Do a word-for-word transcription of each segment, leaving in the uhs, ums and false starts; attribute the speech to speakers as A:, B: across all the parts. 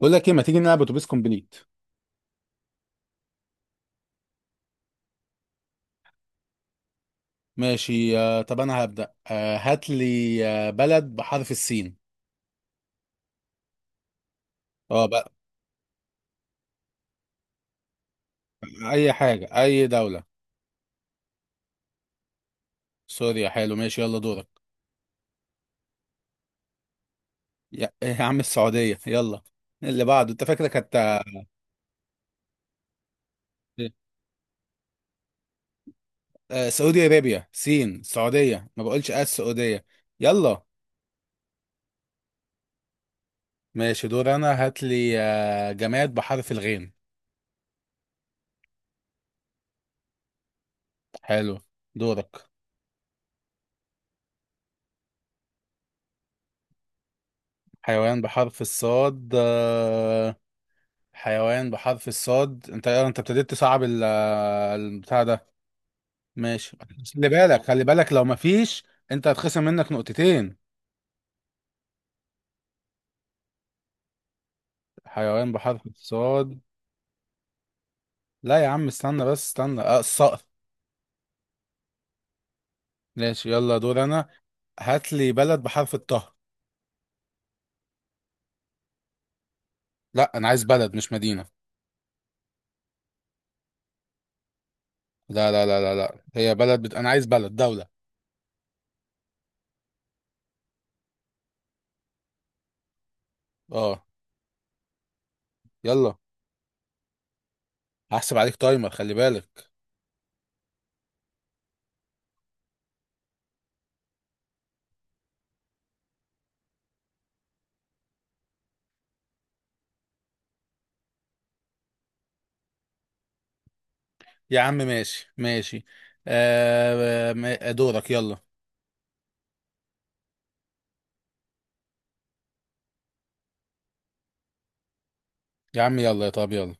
A: بقول لك ايه، ما تيجي نلعب اتوبيس كومبليت؟ ماشي. آه طب انا هبدأ، آه هات لي آه بلد بحرف السين. اه، بقى اي حاجة اي دولة. سوريا، حلو. ماشي يلا دورك. يا, يا عم، السعودية، يلا. اللي بعده انت، فاكرك هت. آه سعودي ارابيا، سين سعودية، ما بقولش اه السعودية. يلا. ماشي، دور انا. هات لي آه جماد بحرف الغين. حلو. دورك. حيوان بحرف الصاد، آه حيوان بحرف الصاد، انت انت ابتديت تصعب البتاع ده، ماشي. خلي بالك، خلي بالك لو مفيش انت هتخصم منك نقطتين. حيوان بحرف الصاد. لا يا عم، استنى بس، استنى، اه الصقر. ماشي، يلا دور انا. هات لي بلد بحرف الطه. لا انا عايز بلد مش مدينة. لا لا لا لا لا، هي بلد بت... انا عايز بلد، دولة. اه. يلا. هحسب عليك تايمر، خلي بالك. يا عم ماشي ماشي. آه ما- دورك يلا. يا عم يلا، يا طب يلا.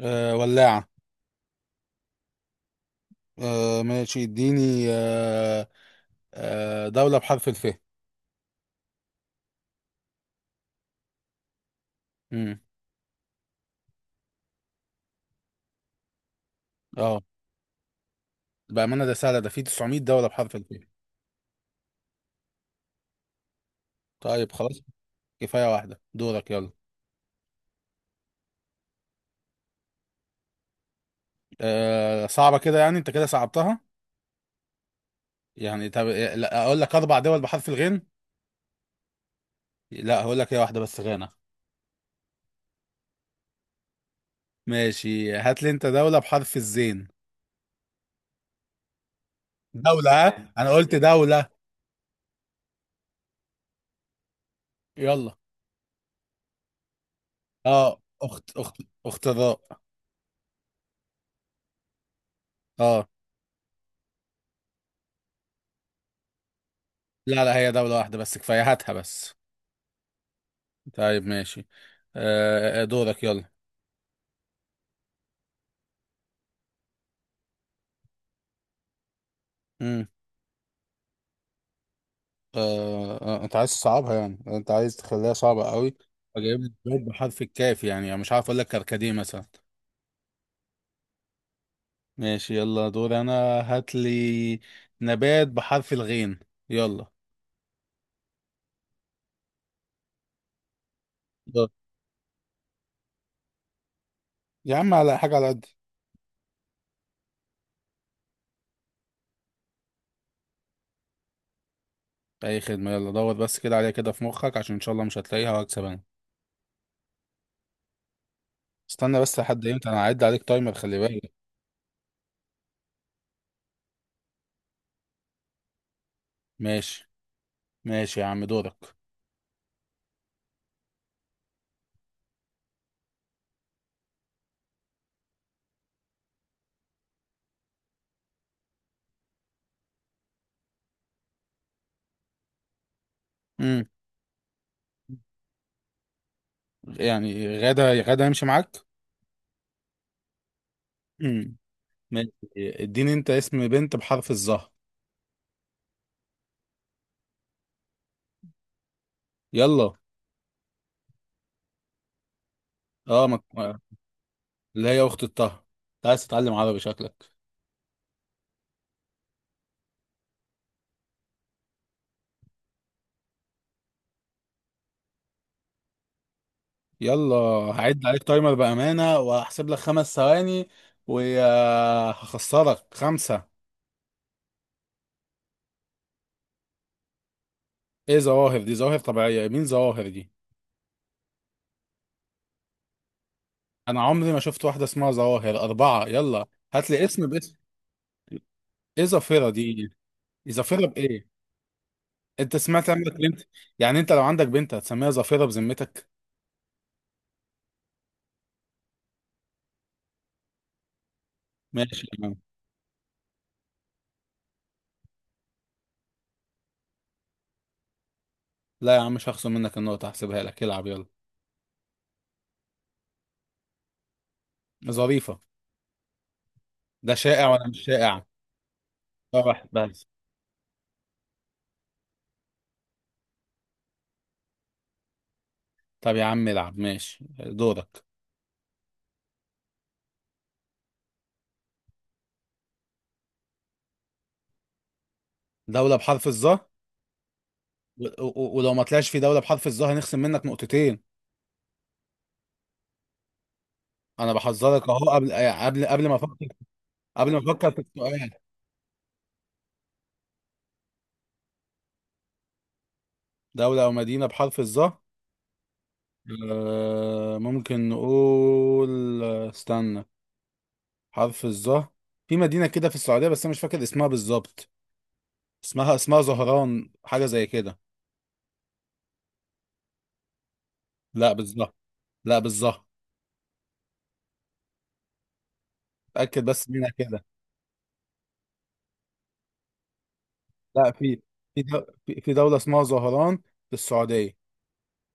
A: آه ولاعة. آه ماشي اديني، آه، آه، دولة بحرف الف. امم اه، بأمانة ده سهلة، ده في تسعمائة دولة بحرف الف. طيب خلاص، كفاية واحدة. دورك يلا. آه صعبة كده، يعني انت كده صعبتها. يعني طب إيه، لا اقول لك اربع دول بحرف الغين. لا، هقول لك هي واحدة بس، غانا. ماشي، هات لي انت دولة بحرف الزين. دولة، ها انا قلت دولة. يلا. اه، اخت اخت اخت الراء. اه. لا لا، هي دولة واحدة بس، كفاية هاتها بس. طيب ماشي. آه آه، دورك يلا. آه، آه، انت عايز تصعبها، يعني انت عايز تخليها صعبة قوي. فجايب لي بيت بحرف الكاف، يعني يعني مش عارف اقول لك كركديه مثلا. ماشي، يلا دور انا. هات لي نبات بحرف الغين. يلا. دور. يا عم على حاجة على قد. اي خدمة، يلا دور بس كده عليها، كده في مخك، عشان ان شاء الله مش هتلاقيها وهكسب انا. استنى بس لحد امتى، انا هعد عليك تايمر، خلي بالك. ماشي ماشي، يا عم دورك. امم يعني غدا، غدا يمشي معاك. امم ماشي، اديني انت اسم بنت بحرف الظهر. يلا. اه مك... آه، اللي هي اخت الطه. انت عايز تتعلم عربي شكلك. يلا. هعد عليك تايمر بامانه، وهحسب لك خمس ثواني وهخسرك خمسه. ايه ظواهر دي؟ ظواهر طبيعيه؟ مين ظواهر دي؟ انا عمري ما شفت واحده اسمها ظواهر. اربعه، يلا هات لي اسم باسم. ايه ظافره دي؟ إيه ظافره بايه؟ انت سمعت عندك بنت؟ يعني انت لو عندك بنت هتسميها ظافره بذمتك؟ ماشي يا عم. لا يا عم، مش هخصم منك النقطه، هحسبها لك، العب يلا. ظريفه، ده شائع وانا مش شائع. فرح بس. طب يا عم العب، ماشي دورك. دولة بحرف الظا. و- و- ولو ما طلعش في دولة بحرف الظا هنخصم منك نقطتين. انا بحذرك اهو، قبل آه، قبل قبل ما افكر، قبل ما افكر في السؤال. دولة او مدينة بحرف الظا. آه، ممكن نقول، استنى، حرف الظا. في مدينة كده في السعودية، بس انا مش فاكر اسمها بالظبط. اسمها اسمها زهران، حاجة زي كده. لا بالظا. لا بالظا. اتأكد بس منها كده. لا، في. في دو- في في دولة اسمها زهران، في السعودية.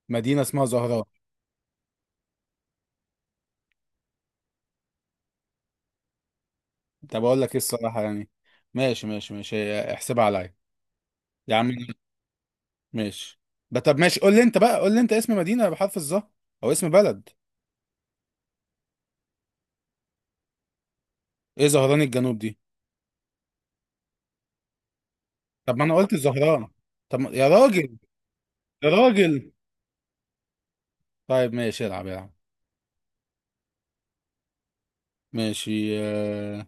A: مدينة اسمها زهران. طب اقول لك ايه، الصراحة يعني. ماشي ماشي ماشي، احسبها عليا. يا عم. ماشي ده طب ماشي، قول لي انت بقى قول لي انت اسم مدينة بحرف الظه او اسم بلد. ايه زهران الجنوب دي؟ طب ما انا قلت زهران. طب ما- يا راجل. يا راجل. طيب ماشي، العب العب. ماشي، آه،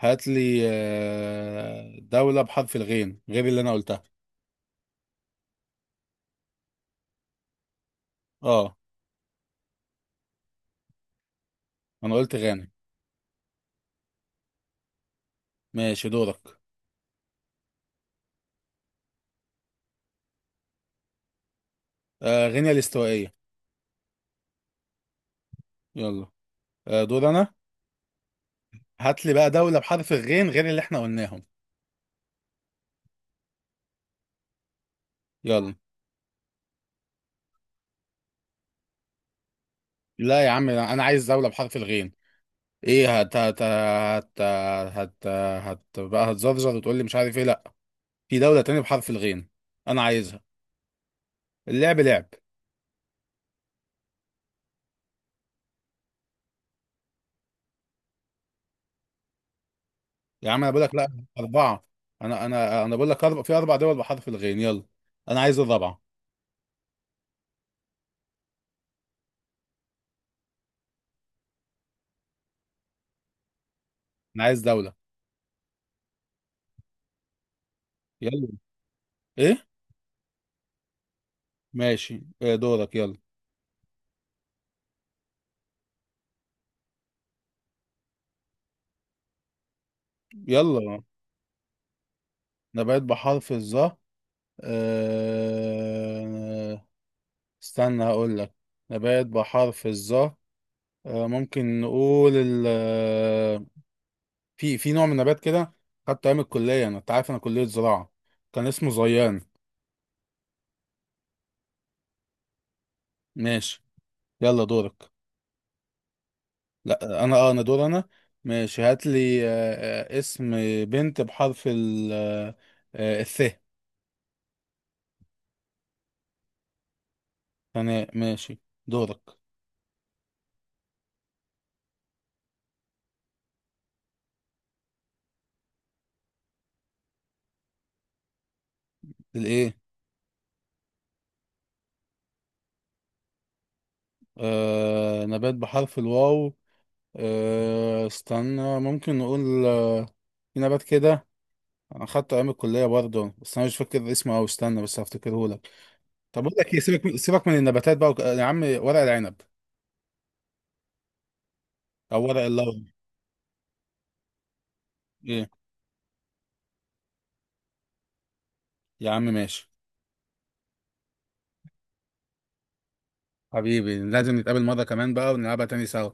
A: هات لي آه، دولة بحرف الغين غير اللي انا قلتها. اه، انا قلت غانا. ماشي دورك. آه، غينيا الاستوائية. يلا. آه، دور انا. هات لي بقى دولة بحرف الغين غير اللي احنا قلناهم. يلا. لا يا عم، انا عايز دولة بحرف الغين. ايه، هت هت هت، هت. هت بقى، هتزرزر وتقول لي مش عارف ايه؟ لا، في دولة تانية بحرف الغين، انا عايزها. اللعب لعب. يا عم انا بقول لك، لا، أربعة. انا انا انا بقول لك أربع، في أربع دول بحرف الغين، يلا. انا عايز الرابعة. انا عايز دولة. يلا. ايه. ماشي، إيه دورك يلا. يلا. نبات بحرف الظا. آه... استنى، هقول لك. نبات بحرف الظا. آه، ممكن نقول ال آه، في في نوع من النبات كده، خدته ايام الكليه انا، انت عارف انا كليه زراعه، كان اسمه زيان. ماشي. يلا دورك. لا انا، اه انا دور انا. ماشي، هات لي آه، آه، اسم بنت بحرف ال آه، آه، الث. انا ماشي. دورك. الايه. آه نبات بحرف الواو. آه استنى، ممكن نقول آه، في نبات كده، انا خدته ايام الكليه برضه، بس انا مش فاكر اسمه، او استنى بس هفتكره لك. طب اقول لك ايه، سيبك من سيبك من النباتات بقى، وك... يا عم ورق العنب او ورق اللورا. ايه. يا عم ماشي. حبيبي لازم نتقابل مره كمان بقى، ونلعبها تاني سوا.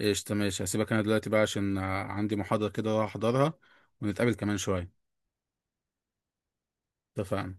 A: قشطه ماشي، هسيبك انا دلوقتي بقى، عشان آه، عندي محاضره كده اروح احضرها ونتقابل كمان شويه. اتفقنا.